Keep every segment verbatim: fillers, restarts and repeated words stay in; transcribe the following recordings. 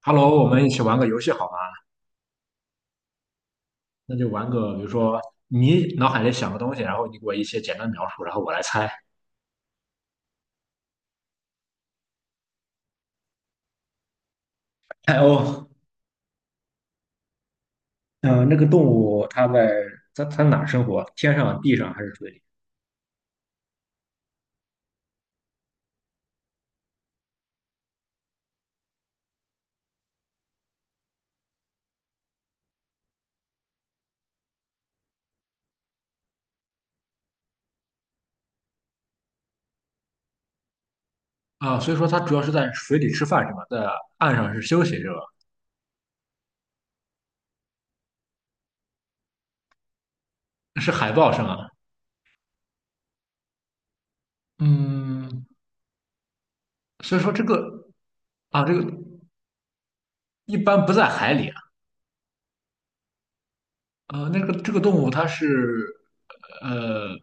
Hello，我们一起玩个游戏好吗？那就玩个，比如说你脑海里想个东西，然后你给我一些简单描述，然后我来猜。哎哦，嗯，那个动物它在它它哪儿生活？天上、地上还是水里？啊，所以说它主要是在水里吃饭是吧？在岸上是休息是吧？是海豹是吗？嗯，所以说这个啊，这个一般不在海里啊。呃，那个这个动物它是呃，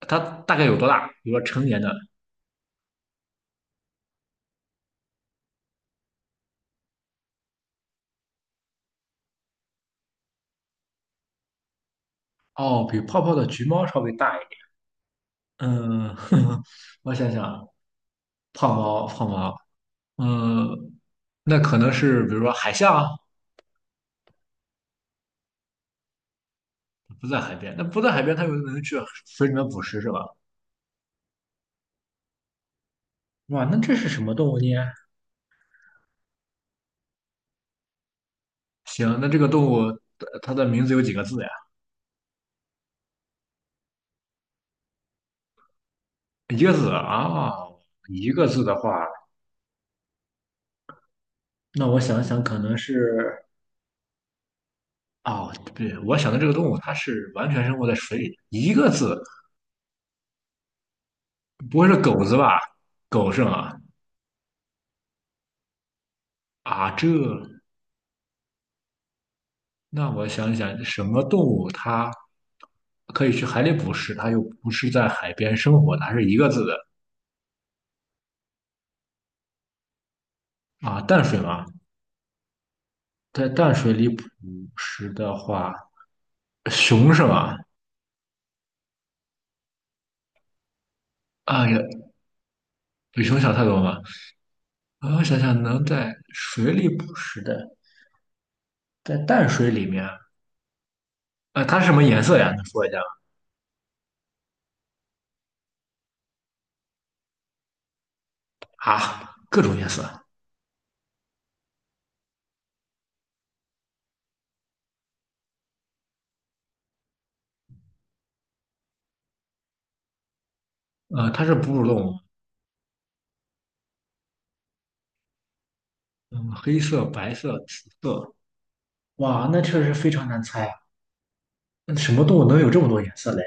它大概有多大？比如说成年的哦，比泡泡的橘猫稍微大一点。嗯，我想想啊，胖猫，胖猫，嗯，那可能是比如说海象啊，不在海边，那不在海边，它有可能去水里面捕食，是吧？哇，那这是什么动物呢？行，那这个动物呃它的名字有几个字呀？一个字啊，一个字的话，那我想想，可能是哦，不对，我想的这个动物它是完全生活在水里的，一个字，不会是狗子吧？狗是吗？啊，这。那我想想，什么动物它可以去海里捕食，它又不是在海边生活的，还是一个字的啊？淡水吗？在淡水里捕食的话，熊是吗？啊呀，比熊小太多了。啊，我想想，能在水里捕食的，在淡水里面，呃，它是什么颜色呀？你说一下啊，各种颜色。呃，它是哺乳动物，嗯，黑色、白色、紫色。哇，那确实非常难猜。啊。那什么动物能有这么多颜色嘞？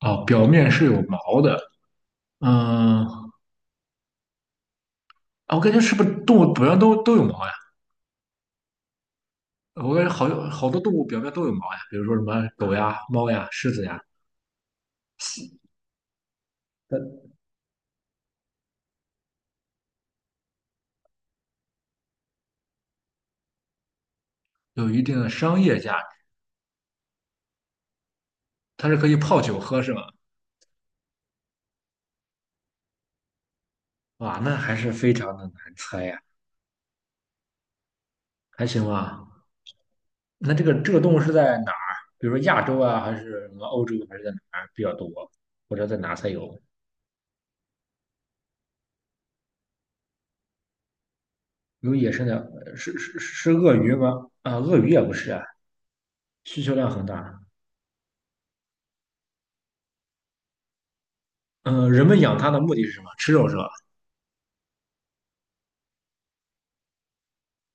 啊哦，表面是有毛的，嗯，啊我感觉是不是动物表面都都有毛呀？我感觉好有好多动物表面都有毛呀，比如说什么狗呀、猫呀、狮子呀，有一定的商业价值，它是可以泡酒喝是吗？哇，那还是非常的难猜呀，还行吧？那这个这个动物是在哪儿？比如说亚洲啊，还是什么欧洲，还是在哪儿比较多？或者在哪才有？有野生的，呃是是是鳄鱼吗？啊，鳄鱼也不是啊，需求量很大。嗯、呃人们养它的目的是什么？吃肉是吧？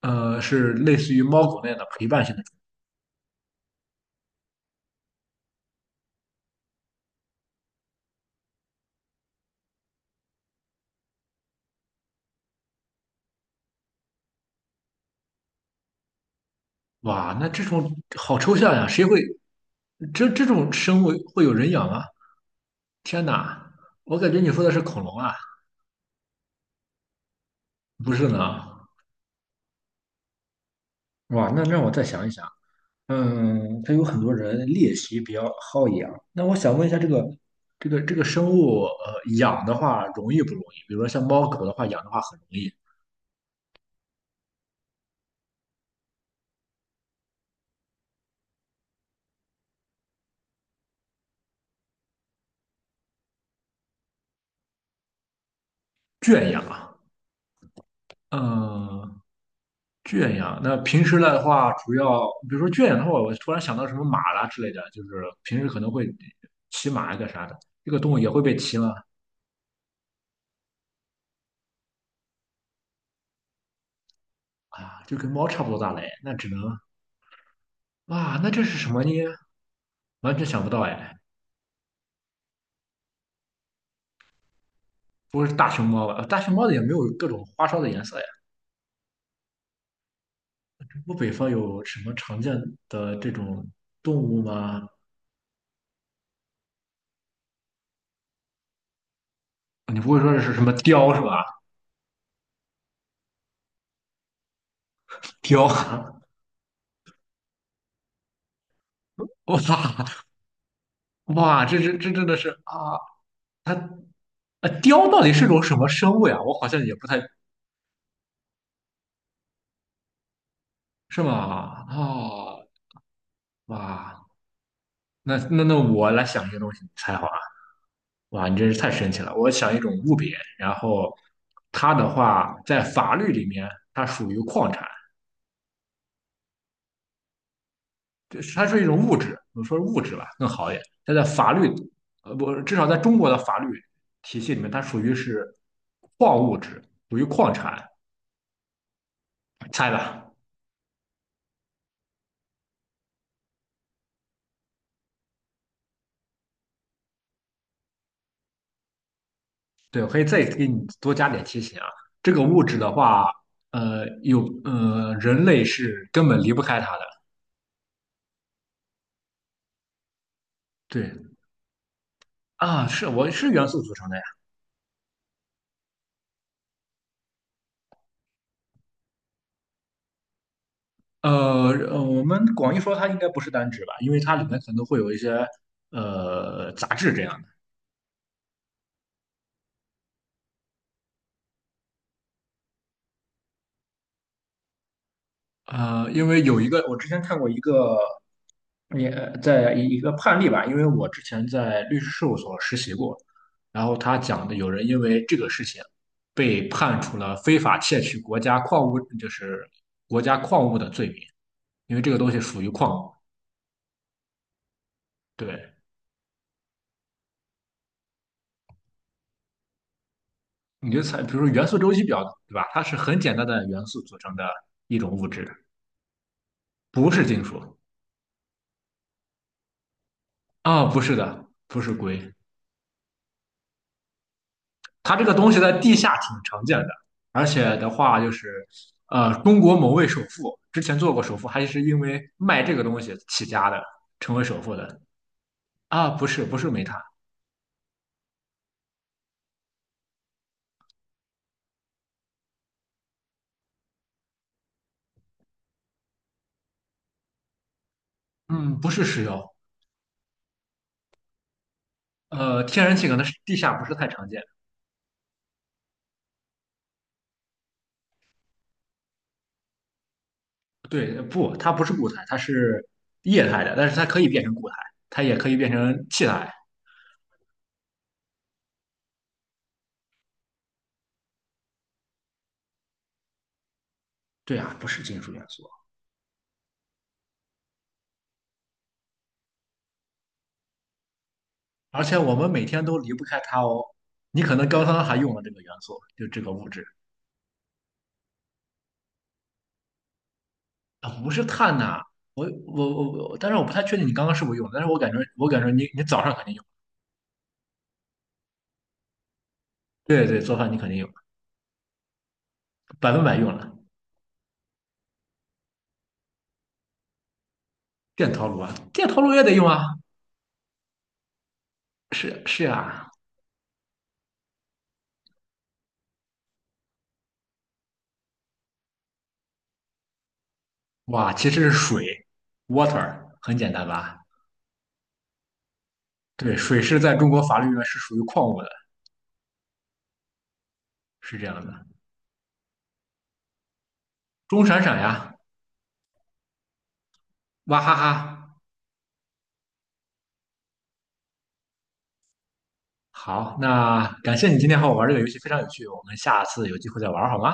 呃，是类似于猫狗那样的陪伴性的。哇，那这种好抽象呀，谁会这这种生物会有人养啊？天哪，我感觉你说的是恐龙啊，不是呢？哇，那让我再想一想。嗯，它有很多人猎奇比较好养。那我想问一下，这个这个这个生物，呃，养的话容易不容易？比如说像猫狗的话，养的话很容易圈养啊。嗯、圈养，那平时的话，主要比如说圈养的话，我突然想到什么马啦之类的，就是平时可能会骑马一个啥的，这个动物也会被骑吗？啊，就跟猫差不多大嘞，那只能啊，那这是什么呢？完全想不到哎，不会是大熊猫吧？呃大熊猫的也没有各种花哨的颜色呀。我北方有什么常见的这种动物吗？你不会说是什么雕是吧？雕，哇哇，这这这真的是啊，它啊，雕到底是种什么生物呀？我好像也不太是吗？哦，哇，那那那我来想一个东西你猜好了。哇，你真是太神奇了！我想一种物品，然后它的话在法律里面它属于矿产，就是它是一种物质，我说物质吧更好一点。它在法律，呃，不，至少在中国的法律体系里面，它属于是矿物质，属于矿产。猜吧，对，我可以再给你多加点提醒啊。这个物质的话，呃，有呃，人类是根本离不开它的。对啊，是我是元素组成的呀。呃，呃我们广义说它应该不是单质吧，因为它里面可能会有一些呃杂质这样的。呃，因为有一个我之前看过一个也在一一个判例吧，因为我之前在律师事务所实习过，然后他讲的有人因为这个事情被判处了非法窃取国家矿物，就是国家矿物的罪名，因为这个东西属于矿物对，你就猜，比如说元素周期表，对吧？它是很简单的元素组成的一种物质，不是金属啊、不是的，不是硅。它这个东西在地下挺常见的，而且的话就是，呃，中国某位首富之前做过首富，还是因为卖这个东西起家的，成为首富的啊、不是，不是煤炭，嗯，不是石油，呃，天然气可能是地下不是太常见。对，不，它不是固态，它是液态的，但是它可以变成固态，它也可以变成气态。对啊，不是金属元素，而且我们每天都离不开它哦。你可能刚刚还用了这个元素，就这个物质啊，不是碳呐、我我我我，但是我不太确定你刚刚是不是用，但是我感觉我感觉你你早上肯定用，对对，做饭你肯定用，百分百用了。电陶炉啊，电陶炉也得用啊，是是啊，哇，其实是水，water，很简单吧？对，水是在中国法律里面是属于矿物的，是这样的。钟闪闪呀，娃哈哈，好，那感谢你今天和我玩这个游戏，非常有趣，我们下次有机会再玩好吗？